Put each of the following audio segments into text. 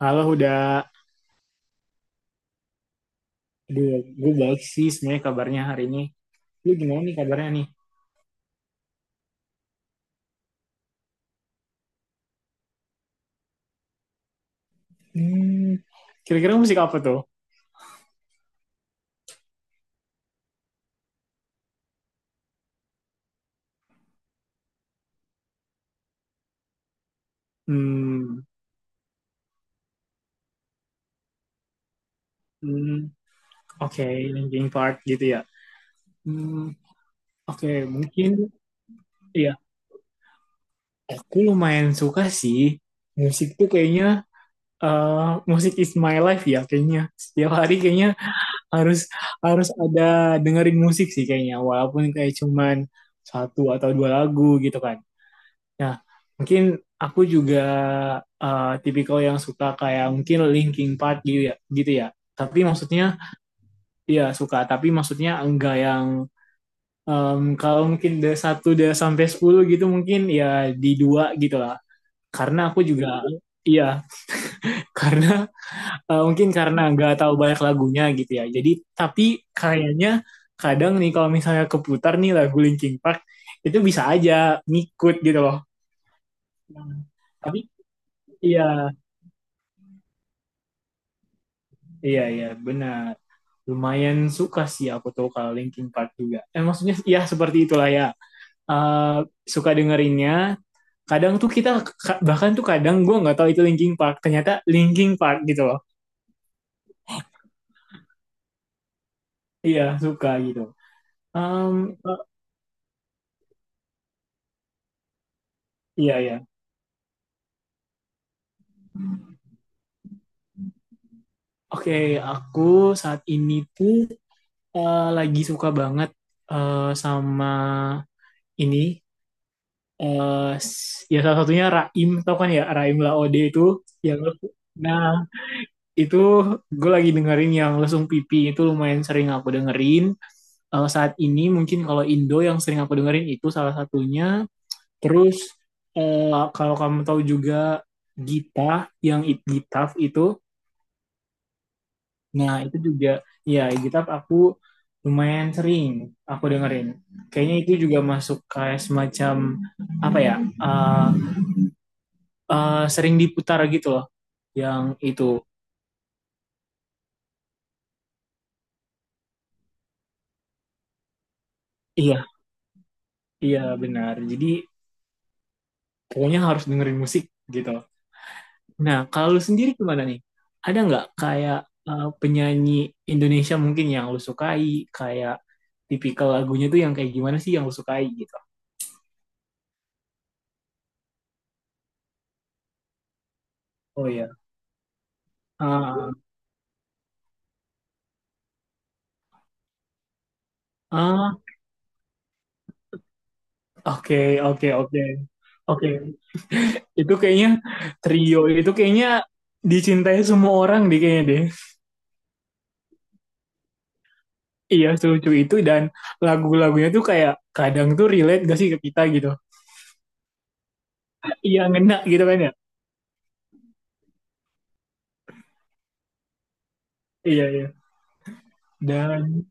Halo Huda, aduh gue baik sih sebenarnya kabarnya hari ini. Lu gimana nih kabarnya nih? Hmm, kira-kira musik apa tuh? Hmm, hmm, oke, Linkin Park gitu ya. Hmm, oke, mungkin ya. Aku lumayan suka sih musik tuh kayaknya eh, musik is my life ya kayaknya. Setiap hari kayaknya harus harus ada dengerin musik sih kayaknya walaupun kayak cuman satu atau dua lagu gitu kan. Ya, mungkin aku juga tipikal yang suka kayak mungkin Linkin Park gitu ya, gitu ya. Tapi maksudnya ya suka, tapi maksudnya enggak yang kalau mungkin dari satu dari sampai 10 gitu mungkin ya di dua gitu lah. Karena aku juga iya, karena mungkin karena enggak tahu banyak lagunya gitu ya. Jadi tapi kayaknya kadang nih kalau misalnya keputar nih lagu Linkin Park itu bisa aja ngikut gitu loh. Tapi iya. Iya, iya, benar. Lumayan suka sih aku tuh kalau Linkin Park juga. Maksudnya ya seperti itulah ya. Eh, suka dengerinnya. Kadang tuh kita, bahkan tuh kadang gue nggak tahu itu Linkin Park. Ternyata Linkin Park gitu loh. Iya, suka gitu. Em, eh, iya, iya. Oke, aku saat ini tuh lagi suka banget sama ini. eh ya salah satunya Raim, tau kan ya Raim Laode itu yang. Nah, itu gue lagi dengerin yang lesung pipi itu lumayan sering aku dengerin. Saat ini mungkin kalau Indo yang sering aku dengerin itu salah satunya. Terus kalau kamu tahu juga Gita yang It Gitaf itu, nah itu juga ya It Gitaf aku lumayan sering aku dengerin. Kayaknya itu juga masuk kayak semacam apa ya? eh, sering diputar gitu loh yang itu. Iya, iya benar. Jadi pokoknya harus dengerin musik gitu. Nah, kalau lu sendiri gimana nih? Ada nggak kayak penyanyi Indonesia mungkin yang lu sukai, kayak tipikal lagunya tuh yang kayak gimana sih yang lu sukai gitu? Oh ya. Ah, ah, oke, oke, oke. Oke, itu kayaknya trio itu kayaknya dicintai semua orang deh kayaknya deh. Iya, selucu itu dan lagu-lagunya tuh kayak kadang tuh relate gak sih ke kita gitu. Iya, ngena gitu kan ya. Iya, iya. Dan,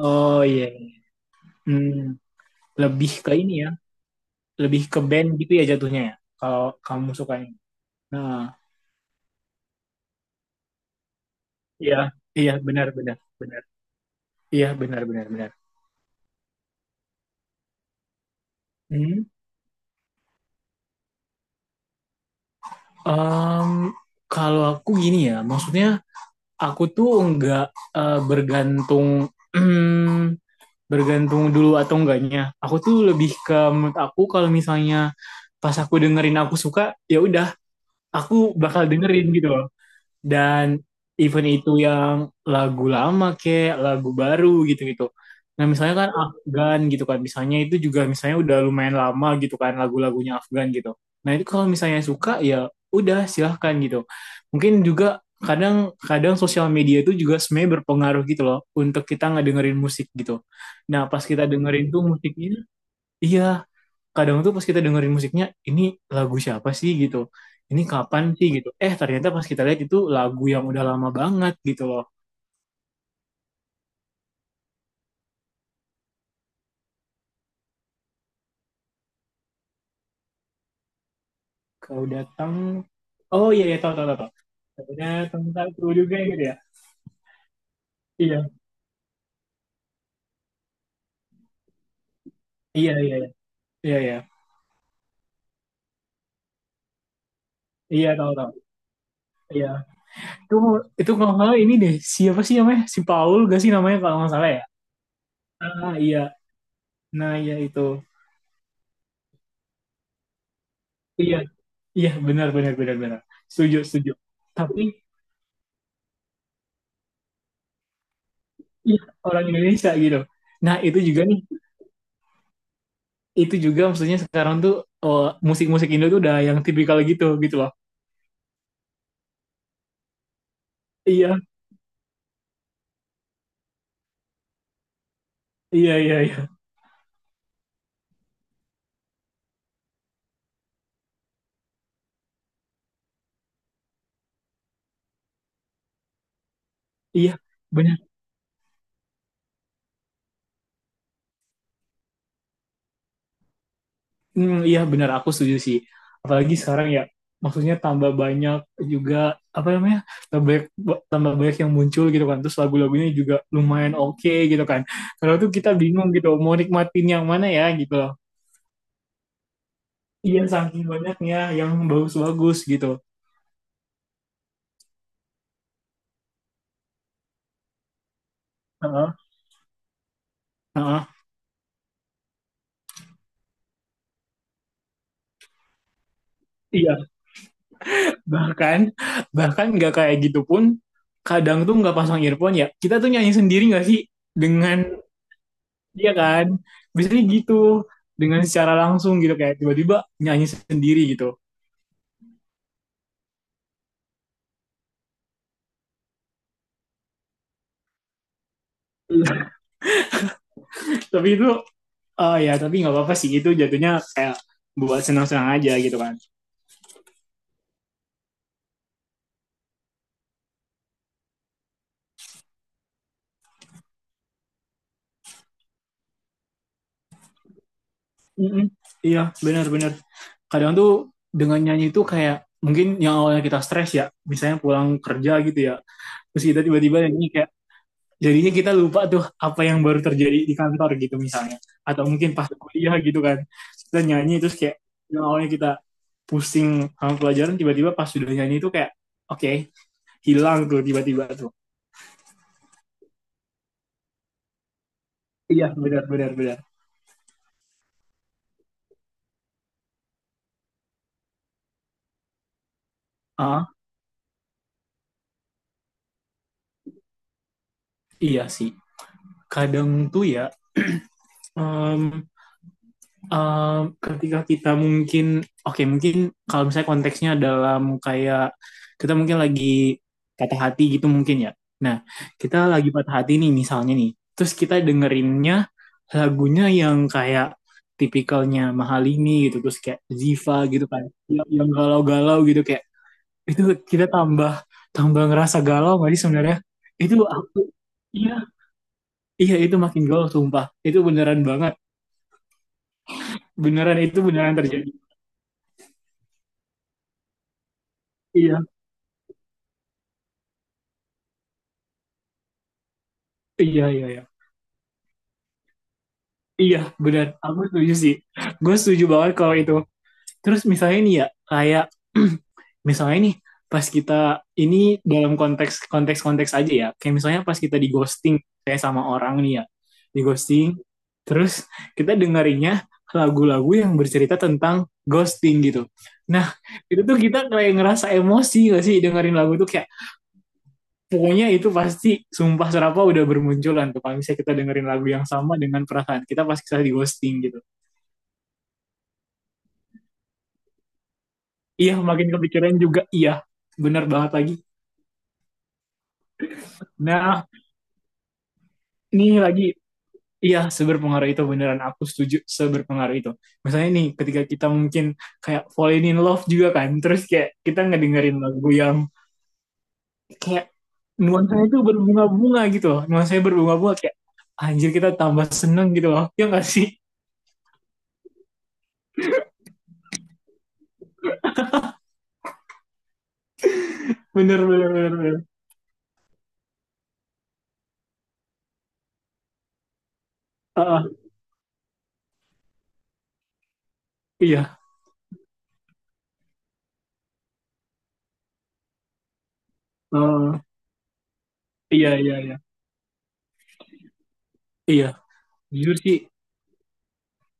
oh iya. Iya. Hmm, lebih ke ini ya, lebih ke band gitu ya jatuhnya ya. Kalau kamu sukanya. Nah, iya, iya benar benar benar. Iya benar benar benar. Hmm. em, kalau aku gini ya, maksudnya aku tuh nggak bergantung bergantung dulu atau enggaknya. Aku tuh lebih ke menurut aku kalau misalnya pas aku dengerin aku suka, ya udah, aku bakal dengerin gitu dan event itu yang lagu lama kayak lagu baru gitu-gitu. Nah misalnya kan Afgan gitu kan, misalnya itu juga misalnya udah lumayan lama gitu kan lagu-lagunya Afgan gitu. Nah itu kalau misalnya suka ya udah silahkan gitu. Mungkin juga kadang kadang sosial media itu juga sebenarnya berpengaruh gitu loh untuk kita ngedengerin musik gitu. Nah pas kita dengerin tuh musiknya, iya kadang tuh pas kita dengerin musiknya ini lagu siapa sih gitu ini kapan sih gitu eh ternyata pas kita lihat itu lagu yang udah lama banget gitu loh. Kau datang. Oh iya iya, tahu tahu tahu tahu. Kau datang satu juga gitu ya. Iya iya iya iya iya iya iya. Tahu tahu. Iya, itu. Itu kalau nggak salah ini deh siapa sih namanya si Paul gak sih namanya kalau nggak salah ya. Ah iya. Nah iya itu. Iya iya benar benar benar benar. Setuju setuju. Tapi iya orang Indonesia gitu. Nah itu juga nih, itu juga maksudnya sekarang tuh oh, musik-musik Indo tuh udah yang tipikal gitu gitu loh. Iya, iya, iya, iya. Iya, benar. Iya, benar aku setuju sih. Apalagi sekarang ya maksudnya tambah banyak juga apa namanya? tambah banyak, tambah banyak yang muncul gitu kan. Terus lagu-lagunya juga lumayan oke gitu kan. Kalau tuh kita bingung gitu mau nikmatin yang mana ya gitu loh. Iya, saking banyaknya yang bagus-bagus gitu. Heeh, heeh. Iya, bahkan bahkan nggak kayak gitu pun kadang tuh nggak pasang earphone ya kita tuh nyanyi sendiri nggak sih dengan dia ya kan biasanya gitu dengan secara langsung gitu kayak tiba-tiba nyanyi sendiri gitu. Tapi itu oh ya tapi nggak apa-apa sih itu jatuhnya kayak buat senang-senang aja gitu kan. Mm-mm. Iya benar-benar kadang tuh dengan nyanyi itu kayak mungkin yang awalnya kita stres ya misalnya pulang kerja gitu ya terus kita tiba-tiba nyanyi kayak jadinya kita lupa tuh apa yang baru terjadi di kantor gitu misalnya atau mungkin pas kuliah gitu kan kita nyanyi terus kayak yang awalnya kita pusing sama pelajaran tiba-tiba pas sudah nyanyi itu kayak oke okay, hilang tuh tiba-tiba tuh iya benar benar benar. Ah iya sih kadang tuh ya em, um, ketika kita mungkin oke okay, mungkin kalau misalnya konteksnya dalam kayak kita mungkin lagi patah hati gitu mungkin ya. Nah, kita lagi patah hati nih misalnya nih. Terus kita dengerinnya lagunya yang kayak tipikalnya Mahalini gitu terus kayak Ziva gitu kan. Yang galau-galau gitu kayak itu kita tambah tambah ngerasa galau nggak sih sebenarnya? Itu aku iya iya itu makin galau sumpah. Itu beneran banget. Beneran itu beneran terjadi. Iya. Iya, iya, iya. Iya, benar. Aku setuju sih. Gue setuju banget kalau itu. Terus misalnya nih ya, kayak misalnya nih pas kita ini dalam konteks konteks konteks aja ya. Kayak misalnya pas kita di ghosting kayak sama orang nih ya. Di ghosting terus kita dengerinnya lagu-lagu yang bercerita tentang ghosting gitu. Nah, itu tuh kita kayak ngerasa emosi gak sih dengerin lagu tuh kayak pokoknya itu pasti sumpah serapa udah bermunculan tuh kalau misalnya kita dengerin lagu yang sama dengan perasaan kita pas kita di ghosting gitu iya makin kepikiran juga iya benar banget lagi. Nah ini lagi iya seberpengaruh itu beneran aku setuju seberpengaruh itu misalnya nih ketika kita mungkin kayak falling in love juga kan terus kayak kita ngedengerin lagu yang kayak nuansanya itu berbunga-bunga gitu loh nuansanya berbunga-bunga kayak anjir kita tambah seneng gitu loh ya nggak sih bener bener bener, bener. Uh, iya. Oh, iya iya iya. Iya, jujur sih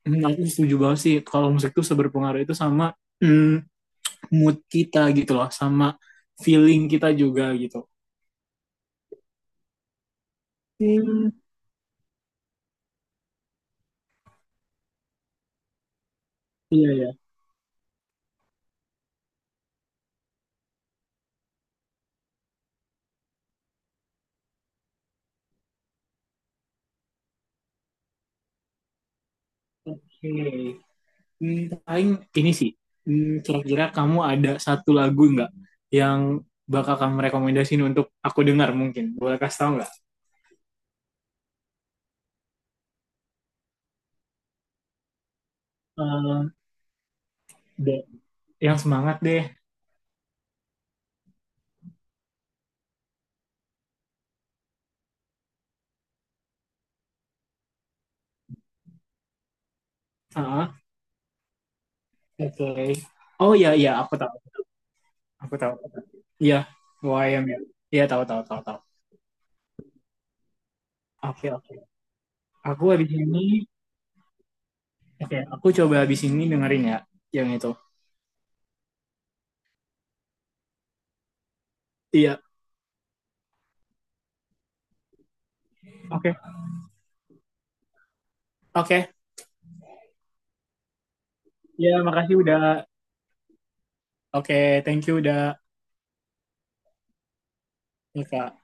aku setuju banget sih kalau musik tuh seberpengaruh itu sama hmm, mood kita gitu loh, sama feeling kita juga gitu. hmm, iya iya. Oke. Hmm, paling ini sih, kira-kira kamu ada satu lagu nggak yang bakal kamu rekomendasiin untuk aku dengar mungkin? Boleh kasih tahu nggak? Eh, de- yang semangat deh. Ah, oke. Oh iya iya, aku tahu. Aku tahu. Iya, UAM ya. Iya, tahu tahu tahu tahu. Oke, oke. Aku habis ini oke, aku coba habis ini dengerin ya yang itu. Iya, oke. Oke. Ya, makasih udah oke, thank you udah ya, Kak.